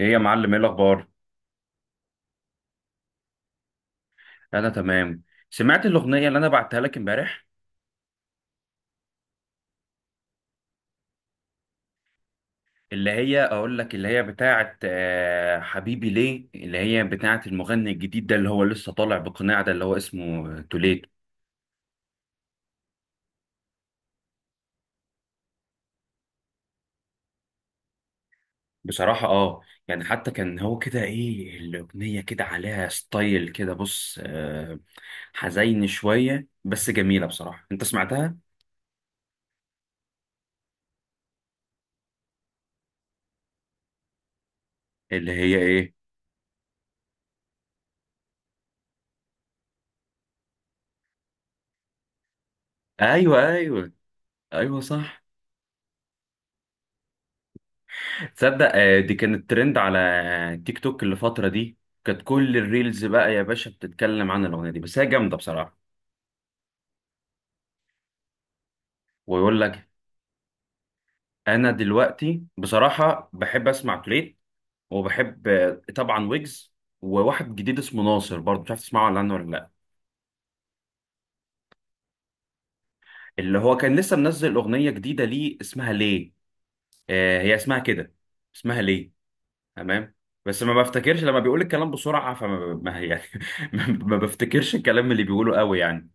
ايه يا معلم، ايه الاخبار؟ انا تمام. سمعت الاغنيه اللي انا بعتها لك امبارح؟ اللي هي اقول لك اللي هي بتاعه حبيبي ليه، اللي هي بتاعه المغني الجديد ده اللي هو لسه طالع بقناع ده، اللي هو اسمه توليت. بصراحه اه، يعني حتى كان هو كده، ايه الاغنيه كده عليها ستايل كده بص، حزين شويه بس جميله بصراحه. انت سمعتها؟ اللي هي ايه؟ ايوه ايوه. ايوه صح. تصدق دي كانت ترند على تيك توك الفترة دي، كانت كل الريلز بقى يا باشا بتتكلم عن الأغنية دي، بس هي جامدة بصراحة. ويقول لك أنا دلوقتي بصراحة بحب أسمع تريت، وبحب طبعا ويجز، وواحد جديد اسمه ناصر برضه مش عارف تسمعه ولا عنه ولا لأ. اللي هو كان لسه منزل أغنية جديدة ليه اسمها ليه، هي اسمها كده، اسمها ليه. تمام. بس ما بفتكرش، لما بيقول الكلام بسرعة فما ما يعني، ما بفتكرش الكلام اللي بيقوله قوي يعني.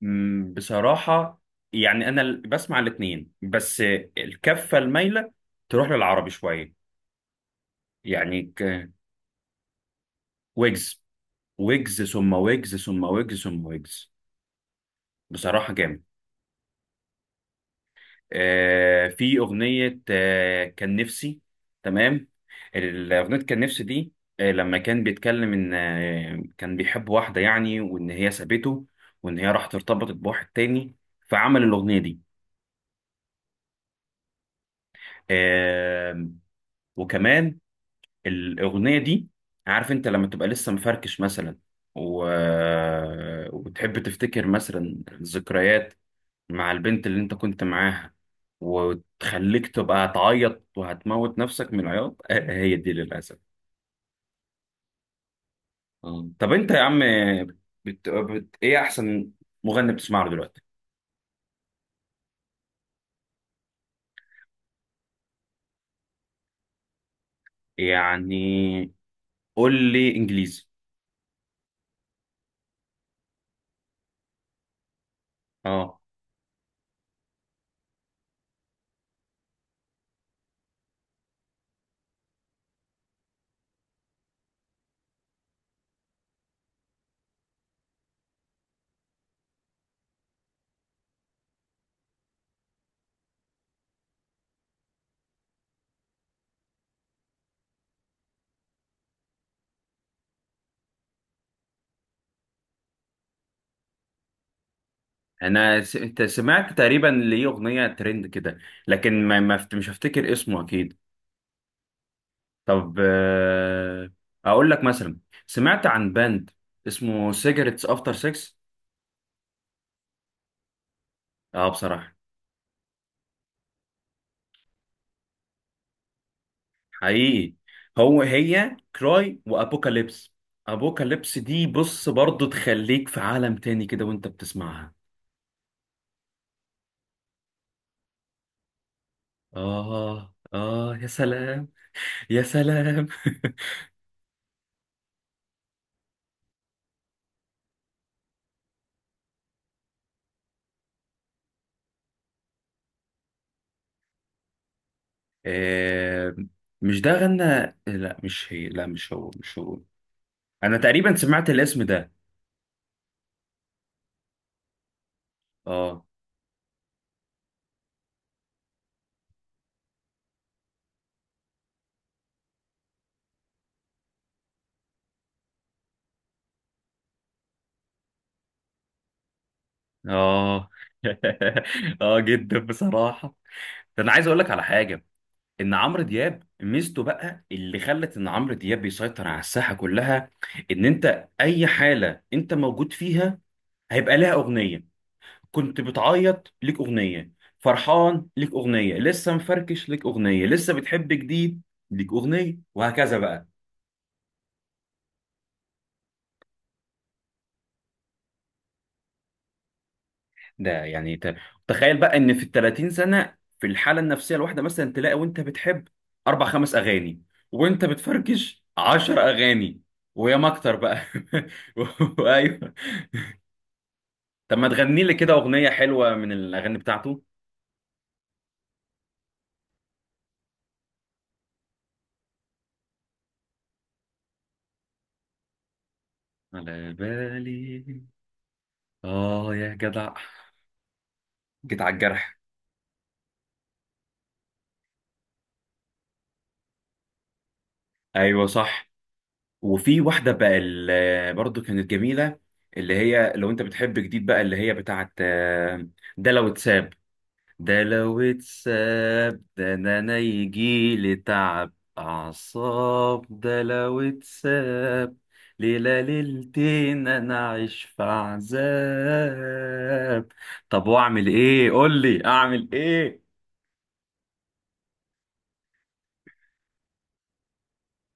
بصراحة يعني أنا بسمع الاتنين، بس الكفة المايلة تروح للعربي شوية. يعني ويجز، ويجز ثم ويجز ثم ويجز ثم ويجز. بصراحة جامد. آه في أغنية آه كان نفسي، تمام، الأغنية كان نفسي دي، آه لما كان بيتكلم إن آه كان بيحب واحدة يعني، وإن هي سابته وإن هي راحت ارتبطت بواحد تاني، فعمل الأغنية دي. آه، وكمان الأغنية دي، عارف أنت لما تبقى لسه مفركش مثلا و... وبتحب تفتكر مثلا ذكريات مع البنت اللي أنت كنت معاها، وتخليك تبقى هتعيط وهتموت نفسك من العياط، آه، هي دي للأسف. آه. طب أنت يا عم إيه أحسن مغني بتسمع له دلوقتي؟ يعني قول لي إنجليزي. أه. أنا أنت سمعت تقريبا ليه أغنية ترند كده، لكن ما... ما... فت- مش هفتكر اسمه أكيد. طب اقول لك مثلا، سمعت عن باند اسمه سيجرتس افتر 6؟ اه بصراحه. حقيقي. هو هي كراي وابوكاليبس، ابوكاليبس دي بص برضو تخليك في عالم تاني كده وانت بتسمعها. اه اه، يا سلام يا سلام. آه مش ده غنى، لا مش هي، لا مش هو. انا تقريبا سمعت الاسم ده. اه. اه. اه جدا بصراحة. ده انا عايز اقول لك على حاجه، ان عمرو دياب ميزته بقى اللي خلت ان عمرو دياب بيسيطر على الساحه كلها، ان انت اي حاله انت موجود فيها هيبقى لها اغنيه. كنت بتعيط ليك اغنيه، فرحان ليك اغنيه، لسه مفركش ليك اغنيه، لسه بتحب جديد ليك اغنيه، وهكذا بقى. ده يعني تخيل بقى ان في ال 30 سنه، في الحاله النفسيه الواحده مثلا تلاقي وانت بتحب اربع خمس اغاني، وانت بتفركش 10 اغاني ويا ما اكتر بقى. ايوه. طب ما تغني لي كده اغنيه حلوه من الاغاني بتاعته. على بالي، اه يا جدع، جيت على الجرح. ايوه صح. وفي واحده بقى برضو كانت جميله، اللي هي لو انت بتحب جديد بقى، اللي هي بتاعت ده لو اتساب، ده لو اتساب ده انا أنا يجيلي تعب اعصاب، ده لو اتساب ليلة ليلتين انا اعيش في عذاب. طب واعمل ايه، قول لي اعمل ايه.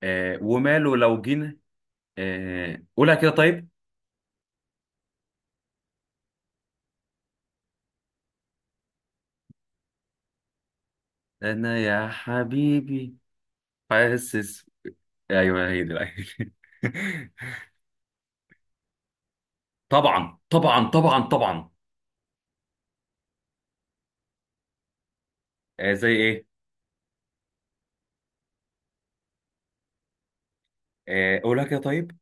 آه وماله لو جينا، آه قولها كده طيب. انا يا حبيبي، حاسس. ايوه هي دي بقى. طبعا طبعا طبعا طبعا. آه زي ايه؟ آه قولها كده طيب.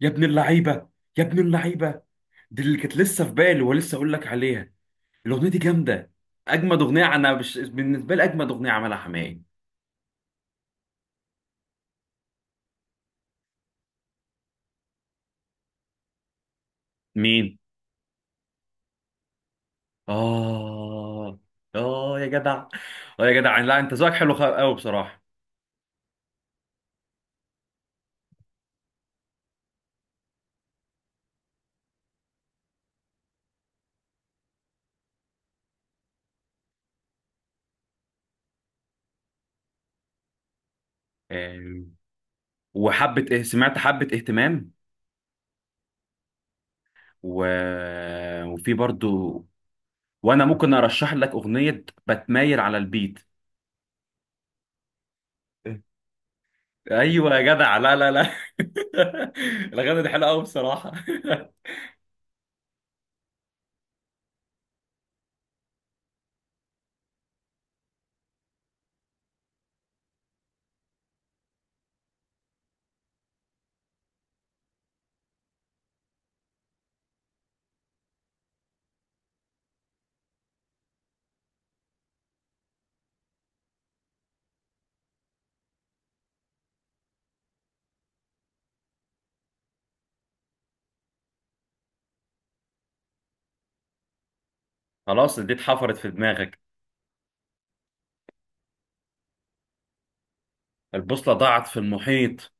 يا ابن اللعيبه، يا ابن اللعيبه، دي اللي كانت لسه في بالي ولسه اقول لك عليها. الاغنيه دي جامده، اجمد اغنيه انا بالنسبه لي اجمد اغنيه عملها حماقي. مين؟ اه. اه يا جدع، اه يا جدع، لا انت ذوقك حلو قوي بصراحه. آه، وحبه سمعت حبه اهتمام؟ و... وفي برضو، وانا ممكن ارشح لك اغنيه بتمايل على البيت. ايوه يا جدع، لا لا لا، الاغاني دي حلوه قوي بصراحه. خلاص دي اتحفرت في دماغك. البوصلة ضاعت في المحيط.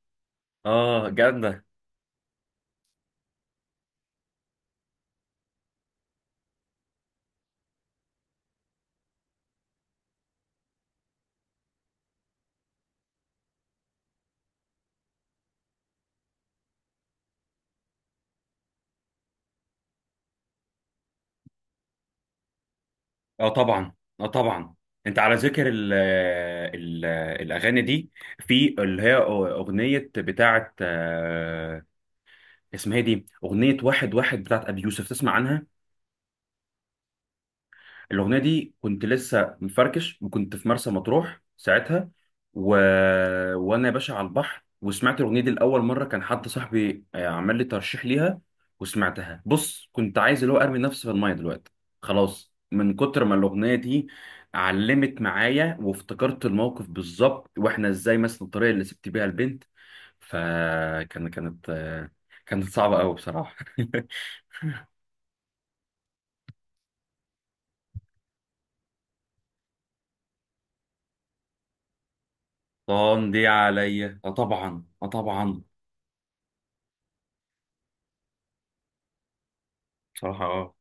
اه جامدة. اه طبعا، اه طبعا. انت على ذكر ال الاغاني دي، في اللي هي اغنية بتاعت اسمها إيه، دي اغنية واحد واحد بتاعت ابي يوسف، تسمع عنها؟ الأغنية دي كنت لسه مفركش وكنت في مرسى مطروح ساعتها، و... وأنا يا باشا على البحر، وسمعت الأغنية دي لأول مرة، كان حد صاحبي عمل لي ترشيح ليها، وسمعتها بص، كنت عايز اللي هو أرمي نفسي في المية دلوقتي، خلاص من كتر ما الأغنية دي علمت معايا وافتكرت الموقف بالظبط، وإحنا إزاي مثلا، الطريقة اللي سبت بيها البنت، كانت كانت صعبة أوي بصراحة. طن دي عليا، آه طبعا آه طبعا. بصراحة اه.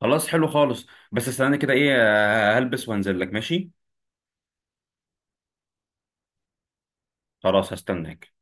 خلاص حلو خالص، بس استناني كده، ايه هلبس وانزل لك، ماشي؟ خلاص، هستناك.